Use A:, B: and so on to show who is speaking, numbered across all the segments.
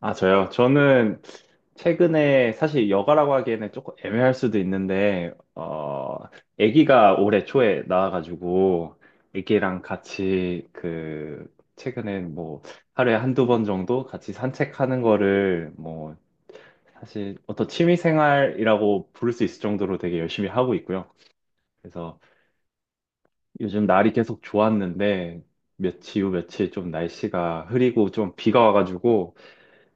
A: 아, 저요? 저는 최근에 사실 여가라고 하기에는 조금 애매할 수도 있는데, 아기가 올해 초에 나와가지고, 아기랑 같이 그, 최근에 뭐, 하루에 한두 번 정도 같이 산책하는 거를 뭐, 사실 어떤 취미 생활이라고 부를 수 있을 정도로 되게 열심히 하고 있고요. 그래서 요즘 날이 계속 좋았는데, 며칠 좀 날씨가 흐리고 좀 비가 와가지고,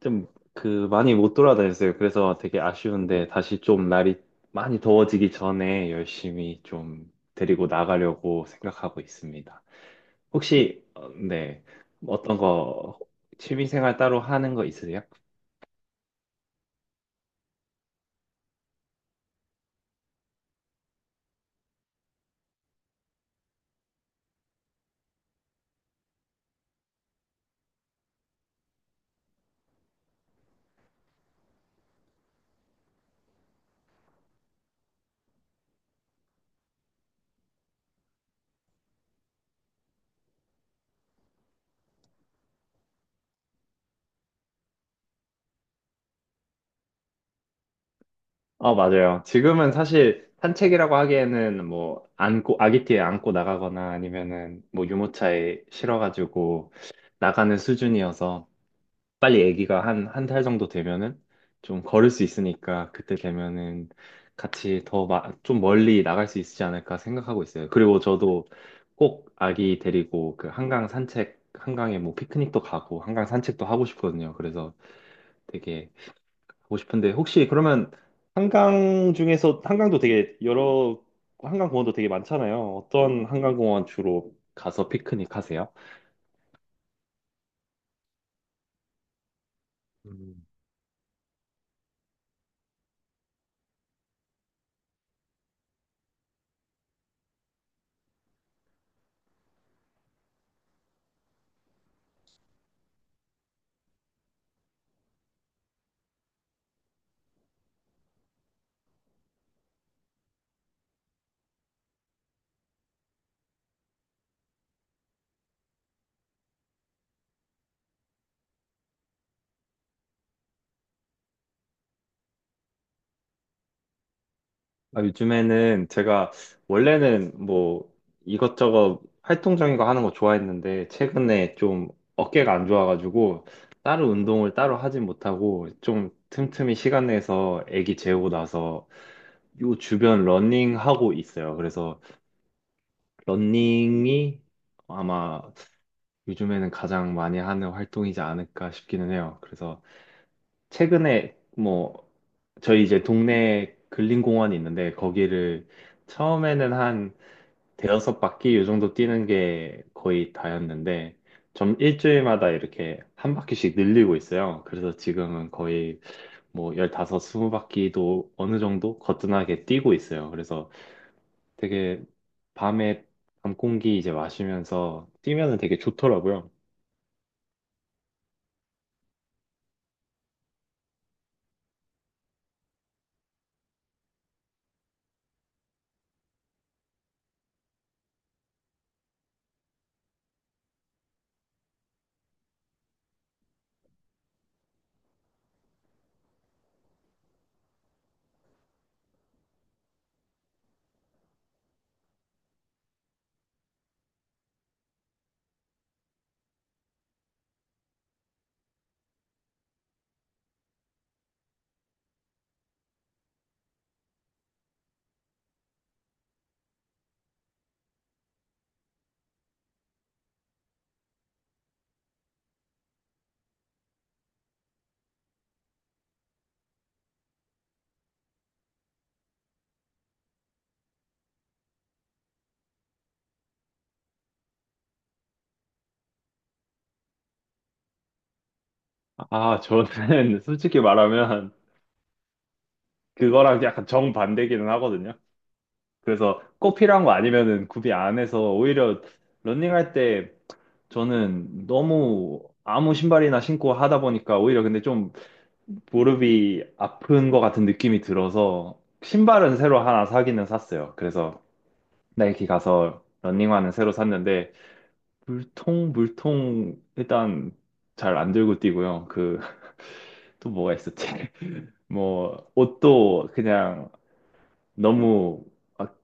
A: 좀 그 많이 못 돌아다녔어요. 그래서 되게 아쉬운데 다시 좀 날이 많이 더워지기 전에 열심히 좀 데리고 나가려고 생각하고 있습니다. 혹시 어, 네 어떤 거 취미생활 따로 하는 거 있으세요? 어 맞아요. 지금은 사실 산책이라고 하기에는 뭐 안고 아기띠에 안고 나가거나 아니면은 뭐 유모차에 실어가지고 나가는 수준이어서 빨리 아기가 한 달 정도 되면은 좀 걸을 수 있으니까 그때 되면은 같이 더 좀 멀리 나갈 수 있지 않을까 생각하고 있어요. 그리고 저도 꼭 아기 데리고 그 한강 산책, 한강에 뭐 피크닉도 가고 한강 산책도 하고 싶거든요. 그래서 되게 하고 싶은데 혹시 그러면 한강 중에서 한강도 되게 여러 한강 공원도 되게 많잖아요. 어떤 한강 공원 주로 가서 피크닉 하세요? 음. 아, 요즘에는 제가 원래는 뭐 이것저것 활동적인 거 하는 거 좋아했는데 최근에 좀 어깨가 안 좋아가지고 따로 운동을 따로 하진 못하고 좀 틈틈이 시간 내서 아기 재우고 나서 요 주변 러닝 하고 있어요. 그래서 러닝이 아마 요즘에는 가장 많이 하는 활동이지 않을까 싶기는 해요. 그래서 최근에 뭐 저희 이제 동네 근린공원이 있는데 거기를 처음에는 한 대여섯 바퀴 요 정도 뛰는 게 거의 다였는데 좀 일주일마다 이렇게 한 바퀴씩 늘리고 있어요. 그래서 지금은 거의 뭐 15, 20바퀴도 어느 정도 거뜬하게 뛰고 있어요. 그래서 되게 밤에 밤 공기 이제 마시면서 뛰면은 되게 좋더라고요. 아, 저는 솔직히 말하면 그거랑 약간 정반대기는 하거든요. 그래서 꼭 필요한 거 아니면은 구비 안 해서 오히려 러닝할 때 저는 너무 아무 신발이나 신고 하다 보니까 오히려 근데 좀 무릎이 아픈 것 같은 느낌이 들어서 신발은 새로 하나 사기는 샀어요. 그래서 나이키 가서 러닝화는 새로 샀는데 물통 일단 잘 안 들고 뛰고요. 그 또 뭐가 있었지? 뭐 옷도 그냥 너무 막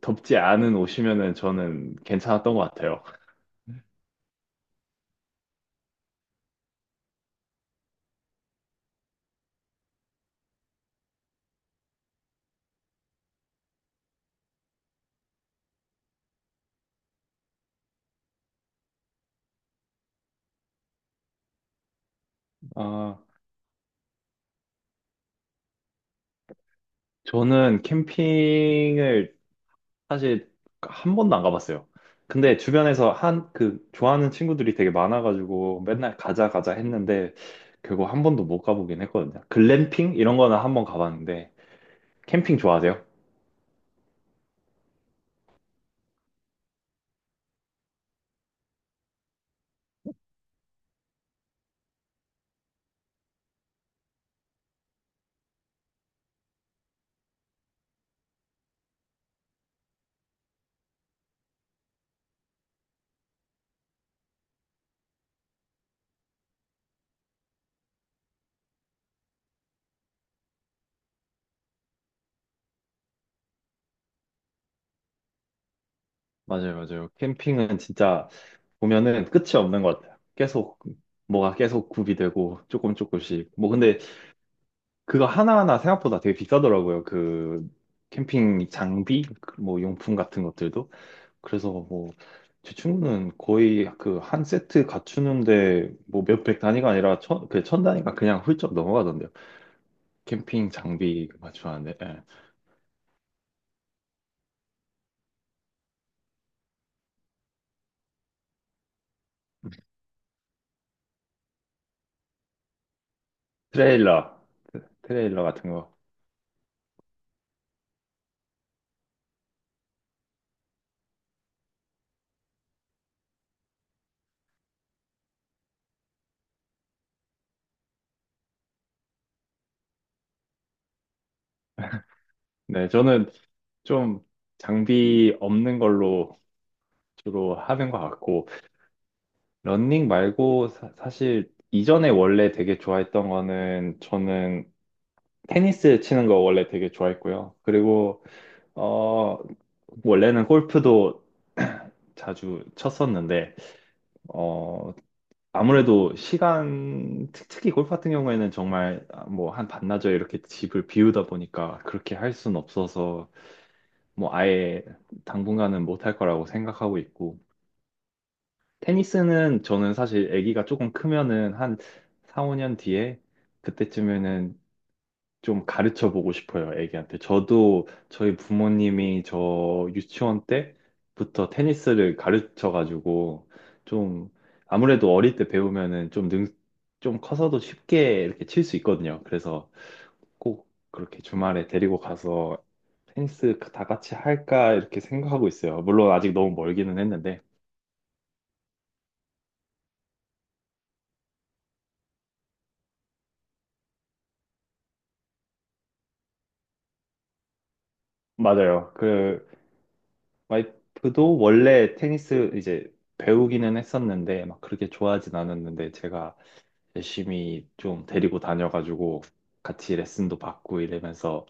A: 덥지 않은 옷이면은 저는 괜찮았던 것 같아요. 아, 저는 캠핑을 사실 한 번도 안 가봤어요. 근데 주변에서 한, 그, 좋아하는 친구들이 되게 많아가지고 맨날 가자, 가자 했는데 결국 한 번도 못 가보긴 했거든요. 글램핑? 이런 거는 한 번 가봤는데 캠핑 좋아하세요? 맞아요, 맞아요. 캠핑은 진짜 보면은 끝이 없는 것 같아요. 계속, 뭐가 계속 구비 되고 조금 조금씩. 뭐 근데 그거 하나하나 생각보다 되게 비싸더라고요. 그 캠핑 장비, 그뭐 용품 같은 것들도. 그래서 뭐 제 친구는 거의 그 한 세트 갖추는데 뭐 몇백 단위가 아니라 천, 그 천 단위가 그냥 훌쩍 넘어가던데요. 캠핑 장비 맞추는데, 예. 트레일러, 트레일러 같은 거. 네, 저는 좀 장비 없는 걸로 주로 하는 것 같고, 런닝 말고 사실 이전에 원래 되게 좋아했던 거는 저는 테니스 치는 거 원래 되게 좋아했고요. 그리고 어 원래는 골프도 자주 쳤었는데 어 아무래도 특히 골프 같은 경우에는 정말 아, 뭐한 반나절 이렇게 집을 비우다 보니까 그렇게 할 순 없어서 뭐 아예 당분간은 못 할 거라고 생각하고 있고 테니스는 저는 사실 아기가 조금 크면은 한 4, 5년 뒤에 그때쯤에는 좀 가르쳐 보고 싶어요, 애기한테. 저도 저희 부모님이 저 유치원 때부터 테니스를 가르쳐 가지고 좀 아무래도 어릴 때 배우면은 좀 커서도 쉽게 이렇게 칠 수 있거든요. 그래서 꼭 그렇게 주말에 데리고 가서 테니스 다 같이 할까 이렇게 생각하고 있어요. 물론 아직 너무 멀기는 했는데. 맞아요. 그 와이프도 원래 테니스 이제 배우기는 했었는데 막 그렇게 좋아하진 않았는데 제가 열심히 좀 데리고 다녀가지고 같이 레슨도 받고 이러면서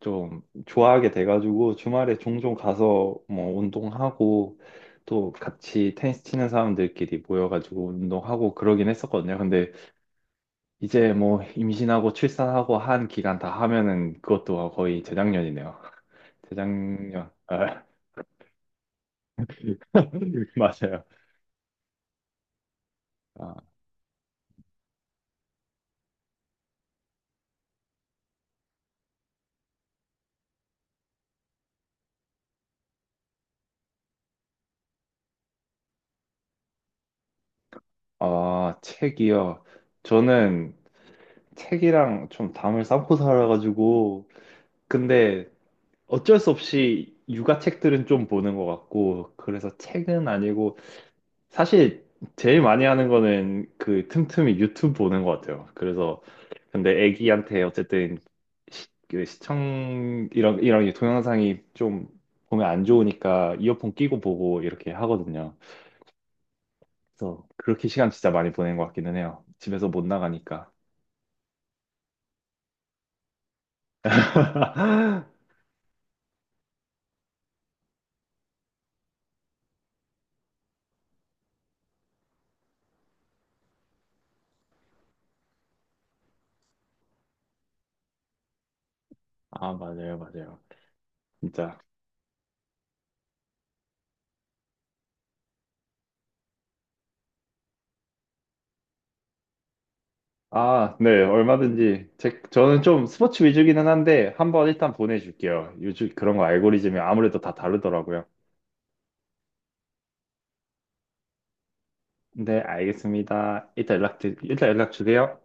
A: 좀 좋아하게 돼가지고 주말에 종종 가서 뭐 운동하고 또 같이 테니스 치는 사람들끼리 모여가지고 운동하고 그러긴 했었거든요. 근데 이제 뭐 임신하고 출산하고 한 기간 다 하면은 그것도 거의 재작년이네요. 재작년. 아, 맞아요. 아, 아, 책이요. 저는 책이랑 좀 담을 쌓고 살아가지고 근데 어쩔 수 없이 육아 책들은 좀 보는 것 같고, 그래서 책은 아니고, 사실 제일 많이 하는 거는 그 틈틈이 유튜브 보는 것 같아요. 그래서, 근데 애기한테 어쨌든 그 시청, 이런, 이런 동영상이 좀 보면 안 좋으니까 이어폰 끼고 보고 이렇게 하거든요. 그래서 그렇게 시간 진짜 많이 보낸 것 같기는 해요. 집에서 못 나가니까. 아, 맞아요, 맞아요. 진짜. 아, 네, 얼마든지. 저는 좀 스포츠 위주기는 한데, 한번 일단 보내줄게요. 요즘 그런 거 알고리즘이 아무래도 다 다르더라고요. 네, 알겠습니다. 이따 연락, 일단 연락 주세요.